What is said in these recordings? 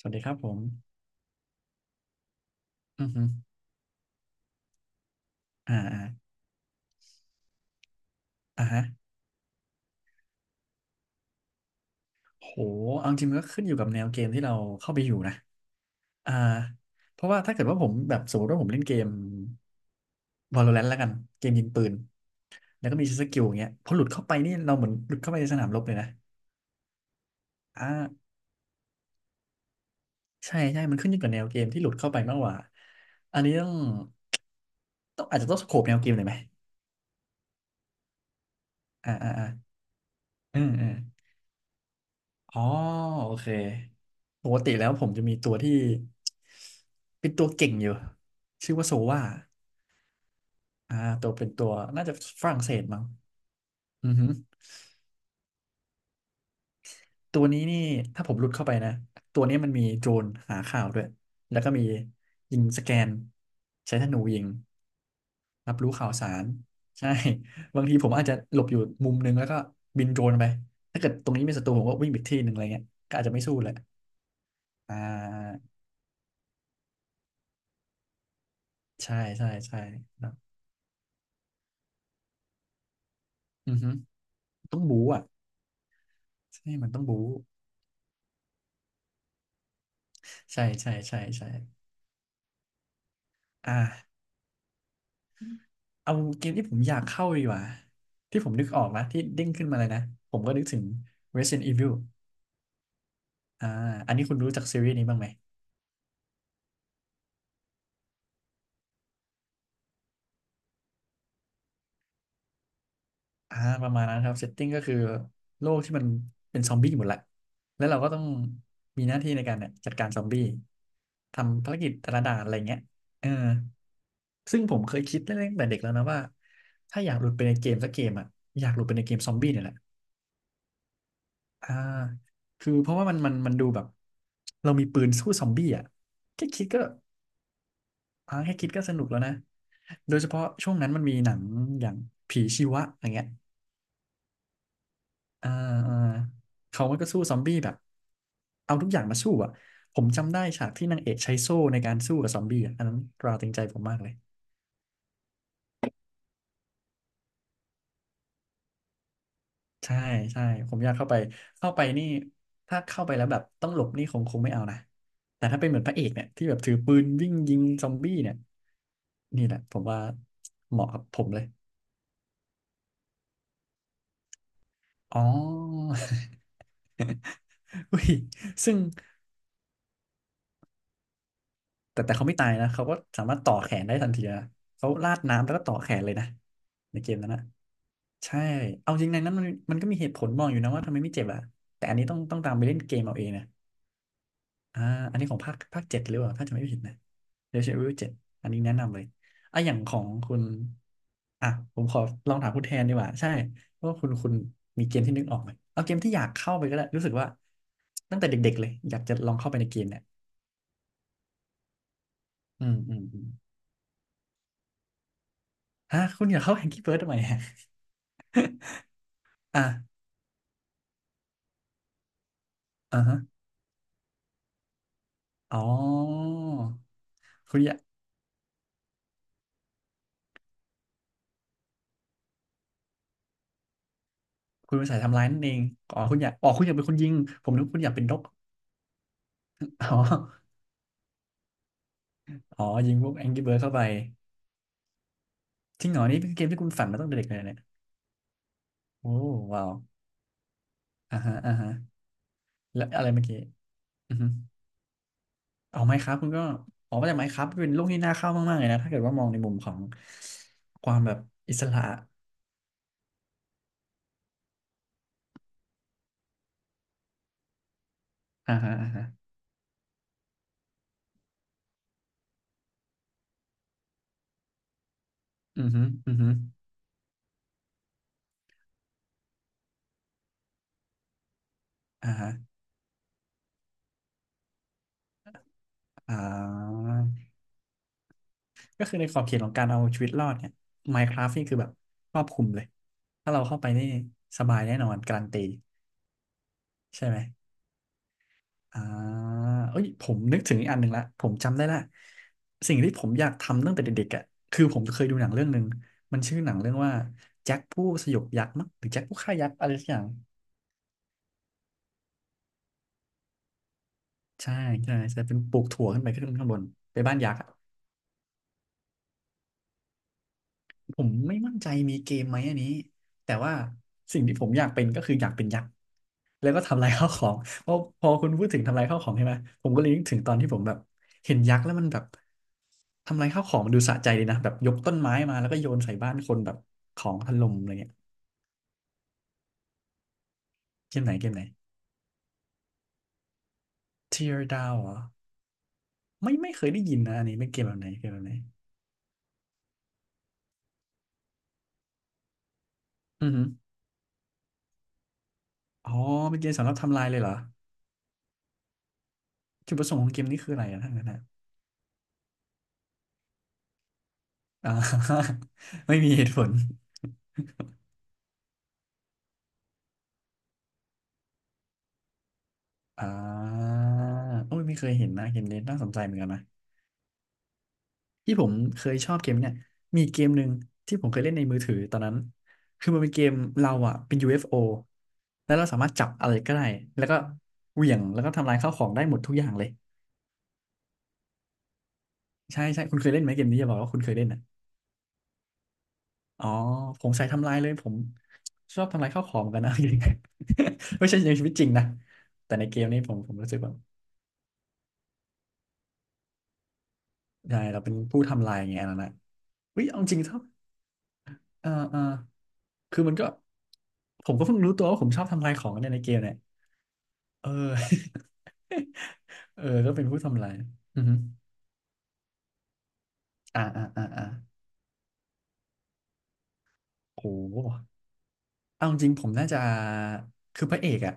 สวัสดีครับผมอือฮึอ่าอ่าอ่าฮะโหเอาจริงมันก็ขึ้นอยู่กับแนวเกมที่เราเข้าไปอยู่นะอ่าเพราะว่าถ้าเกิดว่าผมแบบสมมติว่าผมเล่นเกม Valorant แล้วกันเกมยิงปืนแล้วก็มีสกิลอย่างเงี้ยพอหลุดเข้าไปนี่เราเหมือนหลุดเข้าไปในสนามรบเลยนะอ่าใช่ใช่มันขึ้นอยู่กับแนวเกมที่หลุดเข้าไปมากกว่าอันนี้ต้องอาจจะต้องสโคปแนวเกมหน่อยไหมอ่าอ่าอ่าอืมอืม อ๋อโอเคปกติแล้วผมจะมีตัวที่เป็นตัวเก่งอยู่ชื่อว่าโซวาอ่าตัวเป็นตัวน่าจะฝรั่งเศสมั้งอือหือตัวนี้นี่ถ้าผมรุดเข้าไปนะตัวนี้มันมีโดรนหาข่าวด้วยแล้วก็มียิงสแกนใช้ธนูยิงรับรู้ข่าวสารใช่ บางทีผมอาจจะหลบอยู่มุมนึงแล้วก็บินโดรนไปถ้าเกิดตรงนี้มีศัตรูผมก็วิ่งไปอีกที่หนึ่งอะไรเงี้ยก็อาจจะไม่สู้เลยอ่าใช่ใช่ใช่ครับอือฮึ ต้องบู๊อ่ะใช่มันต้องบู๊ใช่ใช่ใช่ใช่อ่าเอาเกมที่ผมอยากเข้าดีกว่าที่ผมนึกออกนะที่เด้งขึ้นมาเลยนะผมก็นึกถึง Resident Evil อ่าอันนี้คุณรู้จักซีรีส์นี้บ้างไหมอ่าประมาณนั้นครับเซตติ้งก็คือโลกที่มันเป็นซอมบี้หมดแหละแล้วเราก็ต้องมีหน้าที่ในการเนี่ยจัดการซอมบี้ทำภารกิจแต่ละด่านอะไรเงี้ยเออซึ่งผมเคยคิดตั้งแต่เด็กแล้วนะว่าถ้าอยากหลุดไปในเกมสักเกมอ่ะอยากหลุดไปในเกมซอมบี้เนี่ยแหละ อ่าคือเพราะว่ามันดูแบบเรามีปืนสู้ซอมบี้อ่ะแค่คิดก็แค่คิดก็สนุกแล้วนะ โดยเฉพาะช่วงนั้นมันมีหนังอย่างผีชีวะอย่างเงี้ยอ่าอ่าเขามันก็สู้ซอมบี้แบบเอาทุกอย่างมาสู้อ่ะ ผมจำได้ฉากที่นางเอกใช้โซ่ในการสู้กับซอมบี้อะอันนั้นตราตรึงใจผมมากเลย ใช่ใช่ผมอยากเข้าไปเข้าไปนี่ถ้าเข้าไปแล้วแบบต้องหลบนี่คงไม่เอานะแต่ถ้าเป็นเหมือนพระเอกเนี่ยที่แบบถือปืนวิ่งยิงซอมบี้เนี่ยนี่แหละผมว่าเหมาะกับผมเลยอ๋อ อุ้ยซึ่งแต่เขาไม่ตายนะเขาก็สามารถต่อแขนได้ทันทีนะเขาราดน้ำแล้วก็ต่อแขนเลยนะในเกมนั้นนะใช่เอาจริงในนั้นมันมันก็มีเหตุผลมองอยู่นะว่าทำไมไม่เจ็บอ่ะแต่อันนี้ต้องตามไปเล่นเกมเอาเองนะ อ่าอันนี้ของภาคเจ็ดหรือเปล่าถ้าจะไม่ผิดนะ Resident Evil เจ็ดอันนี้แนะนำเลยอ่ะอย่างของคุณอ่ะผมขอลองถามคุณแทนดีกว่าใช่ว่าคุณมีเกมที่นึกออกไหมเอาเกมที่อยากเข้าไปก็ได้รู้สึกว่าตั้งแต่เด็กๆเลยอยากจะลองเข้าไปในเกมเนี่ยอืมอืมอืมฮะคุณอยากเข้าแฮงกี้เบิร์ดทำไมฮะอ่ะอ่าฮะอ๋อคุณอยากคุณเป็นสายทำร้ายนั่นเองอ๋อคุณอยากเป็นคนยิงผมนึกว่าคุณอยากเป็นนกอ๋ออ๋อยิงพวกแองกี้เบิร์ดเข้าไป จริงเหรอนี่เป็นเกมที่คุณฝันมาตั้งแต่เด็กเลยเนี่ยโอ้ว้าวอ่าฮะอ่าฮะและอะไรเมื่อกี้อือฮึเอาไมครับคุณก็ออกมาจากไมครับเป็นโลกที่น่าเข้ามากๆเลยนะถ้าเกิดว่ามองในมุมของความแบบอิสระอ่าฮะอ่าฮะอือฮึอือฮึอ่าฮะอ่าก็คือในขอบเขตของการเอาชีวิตรอดเนี่ยไมครับนี่คือแบบครอบคลุมเลยถ้าเราเข้าไปนี่สบายแน่นอนการันตีใช่ไหม อ่าเอ้ยผมนึกถึงอีกอันหนึ่งละผมจำได้ละสิ่งที่ผมอยากทำตั้งแต่เด็กๆอ่ะคือผมเคยดูหนังเรื่องหนึ่งมันชื่อหนังเรื่องว่าแจ็คผู้สยบยักษ์มั้งหรือแจ็คผู้ฆ่ายักษ์อะไรสักอย่างใช่ใช่ใช่เป็นปลูกถั่วขึ้นไปขึ้นข้างบนไปบ้านยักษ์อะผมไม่มั่นใจมีเกมไหมอันนี้แต่ว่าสิ่งที่ผมอยากเป็นก็คืออยากเป็นยักษ์ แล้วก็ทำลายข้าวของเพอพอคุณพูดถึงทำลายข้าวของใช่ไหมผมก็เลยนึกถึงตอนที่ผมแบบเห็นยักษ์แล้วมันแบบทำลายข้าวของมันดูสะใจดีนะแบบยกต้นไม้มาแล้วก็โยนใส่บ้านคนแบบของถล่มอะไรเงี้ยเกมไหนเกมไหน Tear Down เหรอไม่ไม่เคยได้ยินนะอันนี้เป็นเกมแบบไหนเกมแบบไหนอือหืออ๋อเป็นเกมสำหรับทำลายเลยเหรอจุดประสงค์ของเกมนี้คืออะไรอะทั้างนั้นนะ อ่า ไม่มีเหตุผลอ่าโอ้ยไม่เคยเห็นนะเกมนี้น่าสนใจเหมือนกันนะ ที่ผมเคยชอบเกมเนี่ยมีเกมหนึ่งที่ผมเคยเล่นในมือถือตอนนั้น คือมันเป็นเกมเราอะเป็น UFO แล้วเราสามารถจับอะไรก็ได้ แล้วก็เหวี่ยงแล้วก็ทำลายข้าวของได้หมดทุกอย่างเลย ใช่ใช่คุณเคยเล่นไหมเกมนี้อย่าบอกว่าคุณเคยเล่นนะอ๋อ ผมใส่ทำลายเลยผมชอบทำลายข้าวของเหมือนกันนะ ไม่ใช่ในชีวิตจริงนะแต่ในเกมนี้ผมรู้สึกแบบใช่เราเป็นผู้ทำลายไงอันนั้นนะอุ้ยเอาจริงถ้าเออคือมันก็ผมก็เพิ่งรู้ตัวว่าผมชอบทำลายของเนี่ยในเกมเนี่ย เออ เออก็เป็นผู้ทำลายอือฮึอ่าอ่าอ่าอ่าโอ้โหเอาจริงผมน่าจะคือพระเอกอ่ะ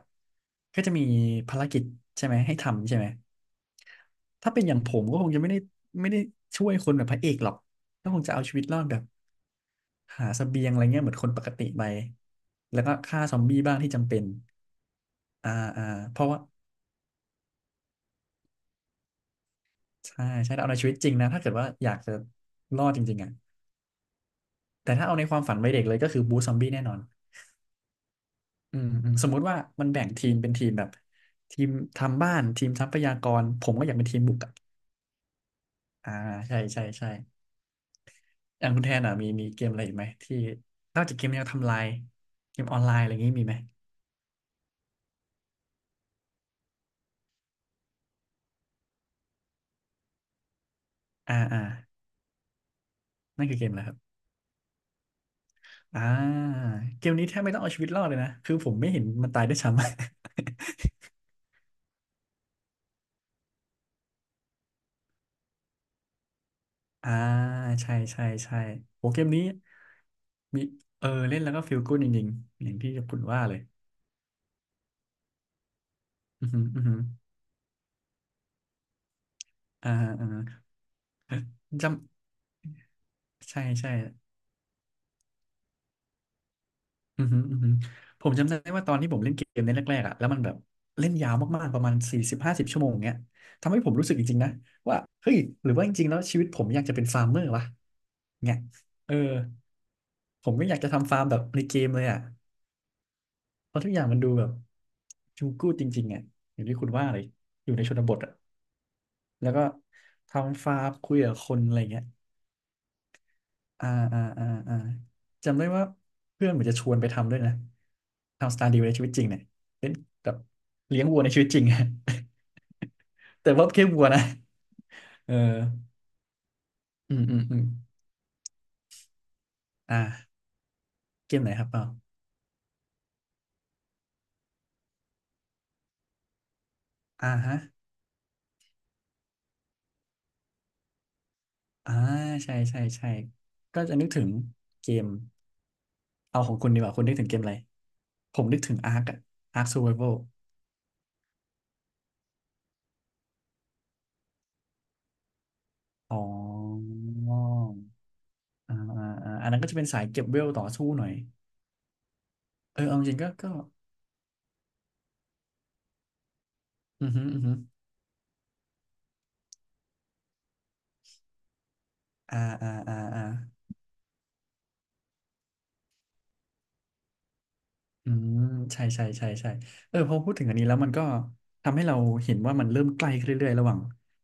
ก็จะมีภารกิจใช่ไหมให้ทำใช่ไหมถ้าเป็นอย่างผมก็คงจะไม่ได้ไม่ได้ช่วยคนแบบพระเอกหรอกก็คงจะเอาชีวิตรอดแบบหาเสบียงอะไรเงี้ยเหมือนคนปกติไปแล้วก็ฆ่าซอมบี้บ้างที่จำเป็นอ่าอ่าเพราะว่าใช่ใช่เอาในชีวิตจริงนะ ถ้าเกิดว่าอยากจะรอดจริงๆอ่ะแต่ถ้าเอาในความฝันวัยเด็กเลยก็คือบูซอมบี้แน่นอน อืมสมมุติว่ามันแบ่งทีมเป็นทีมแบบทีมทำบ้านทีมทรัพยากรผมก็อยากเป็นทีมบุกอะอ่าใช่ใช่ใช่อย่างคุณแทนอ่ะมีเกมอะไรอีกไหมที่นอกจากเกมแนวทำลายเกมออนไลน์อะไรอย่างงี้มีไหมอ่าอ่านั่นคือเกมอะไรครับอ่าเกมนี้แทบไม่ต้องเอาชีวิตรอดเลยนะคือผมไม่เห็นมันตายด้วยซ้ำ อ่าใช่ใช่ใช่โหเกมนี้มีเออเล่นแล้วก็ฟีลกู๊ดจริงๆอย่างที่คุณว่าเลยอือหืออือหืออ่าอ่า จำใช่ใช่ อือหืออือหือผมจำได้ว่าตอนที่ผมเล่นเกมเล่นแรกๆอ่ะแล้วมันแบบเล่นยาวมากๆประมาณ40-50ชั่วโมงเงี้ยทำให้ผมรู้สึกจริงๆนะว่าเฮ้ยหรือว่าจริงๆแล้วชีวิตผมอยากจะเป็นฟาร์มเมอร์วะเนี่ยเออผมไม่อยากจะทำฟาร์มแบบในเกมเลยอ่ะเพราะทุกอย่างมันดูแบบจูกูดจริงๆอ่ะอย่างที่คุณว่าเลยอยู่ในชนบทอ่ะแล้วก็ทำฟาร์มคุยกับคนอะไรเงี้ย อ่าอ่าอ่าอ่าจำได้ว่าเพื่อนเหมือนจะชวนไปทำด้วยนะทำสตาร์ดิวในชีวิตจริงเนี่ยเป็นแบบเลี้ยงวัวในชีวิตจริงอะ แต่ว่าแค่วัวนะเอออืมอ่าเกมไหนครับเปล่าอ่าฮะอ่าใช่ใช่ใช่ก็จะนึกถึงเกมเอาของคุณดีกว่าคุณนึกถึงเกมอะไรผมนึกถึงอาร์คอะอาร์คซูเวอร์โอ๋ออันนั้นก็จะเป็นสายเก็บเวลต่อสู้หน่อยเออเอาจริงๆก็อือฮึอือฮึ อ่าอ่าอ่าอ่าอืมใช่ใช่ใช่ใช่เออพอพูดถึงอันนี้แล้วมันก็ทำให้เราเห็นว่ามันเริ่มใกล้ขึ้นเรื่อยๆระหว่าง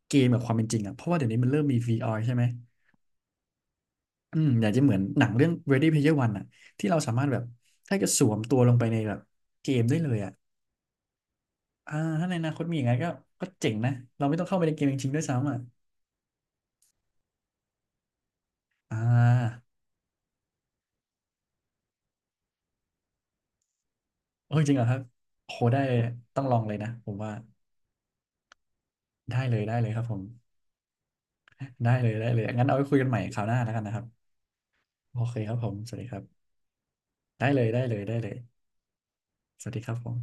เกมกับความเป็นจริงอ่ะเพราะว่าเดี๋ยวนี้มันเริ่มมี VR ใช่ไหมอืมอยากจะเหมือนหนังเรื่อง Ready Player One อ่ะที่เราสามารถแบบแค่จะสวมตัวลงไปในแบบเกมได้เลยอ่ะอ่าถ้าในอนาคตมีอย่างนั้นก็ก็เจ๋งนะเราไม่ต้องเข้าไปในเกมจริงๆด้วยซ้ำอ่ะอ่าเออจริงเหรอครับโหได้ต้องลองเลยนะผมว่าได้เลยได้เลยครับผมได้เลยได้เลยงั้นเอาไว้คุยกันใหม่คราวหน้าแล้วกันนะครับ โอเคครับผม สวัสดีครับ ได้เลยได้เลยได้เลยสวัสดีครับผม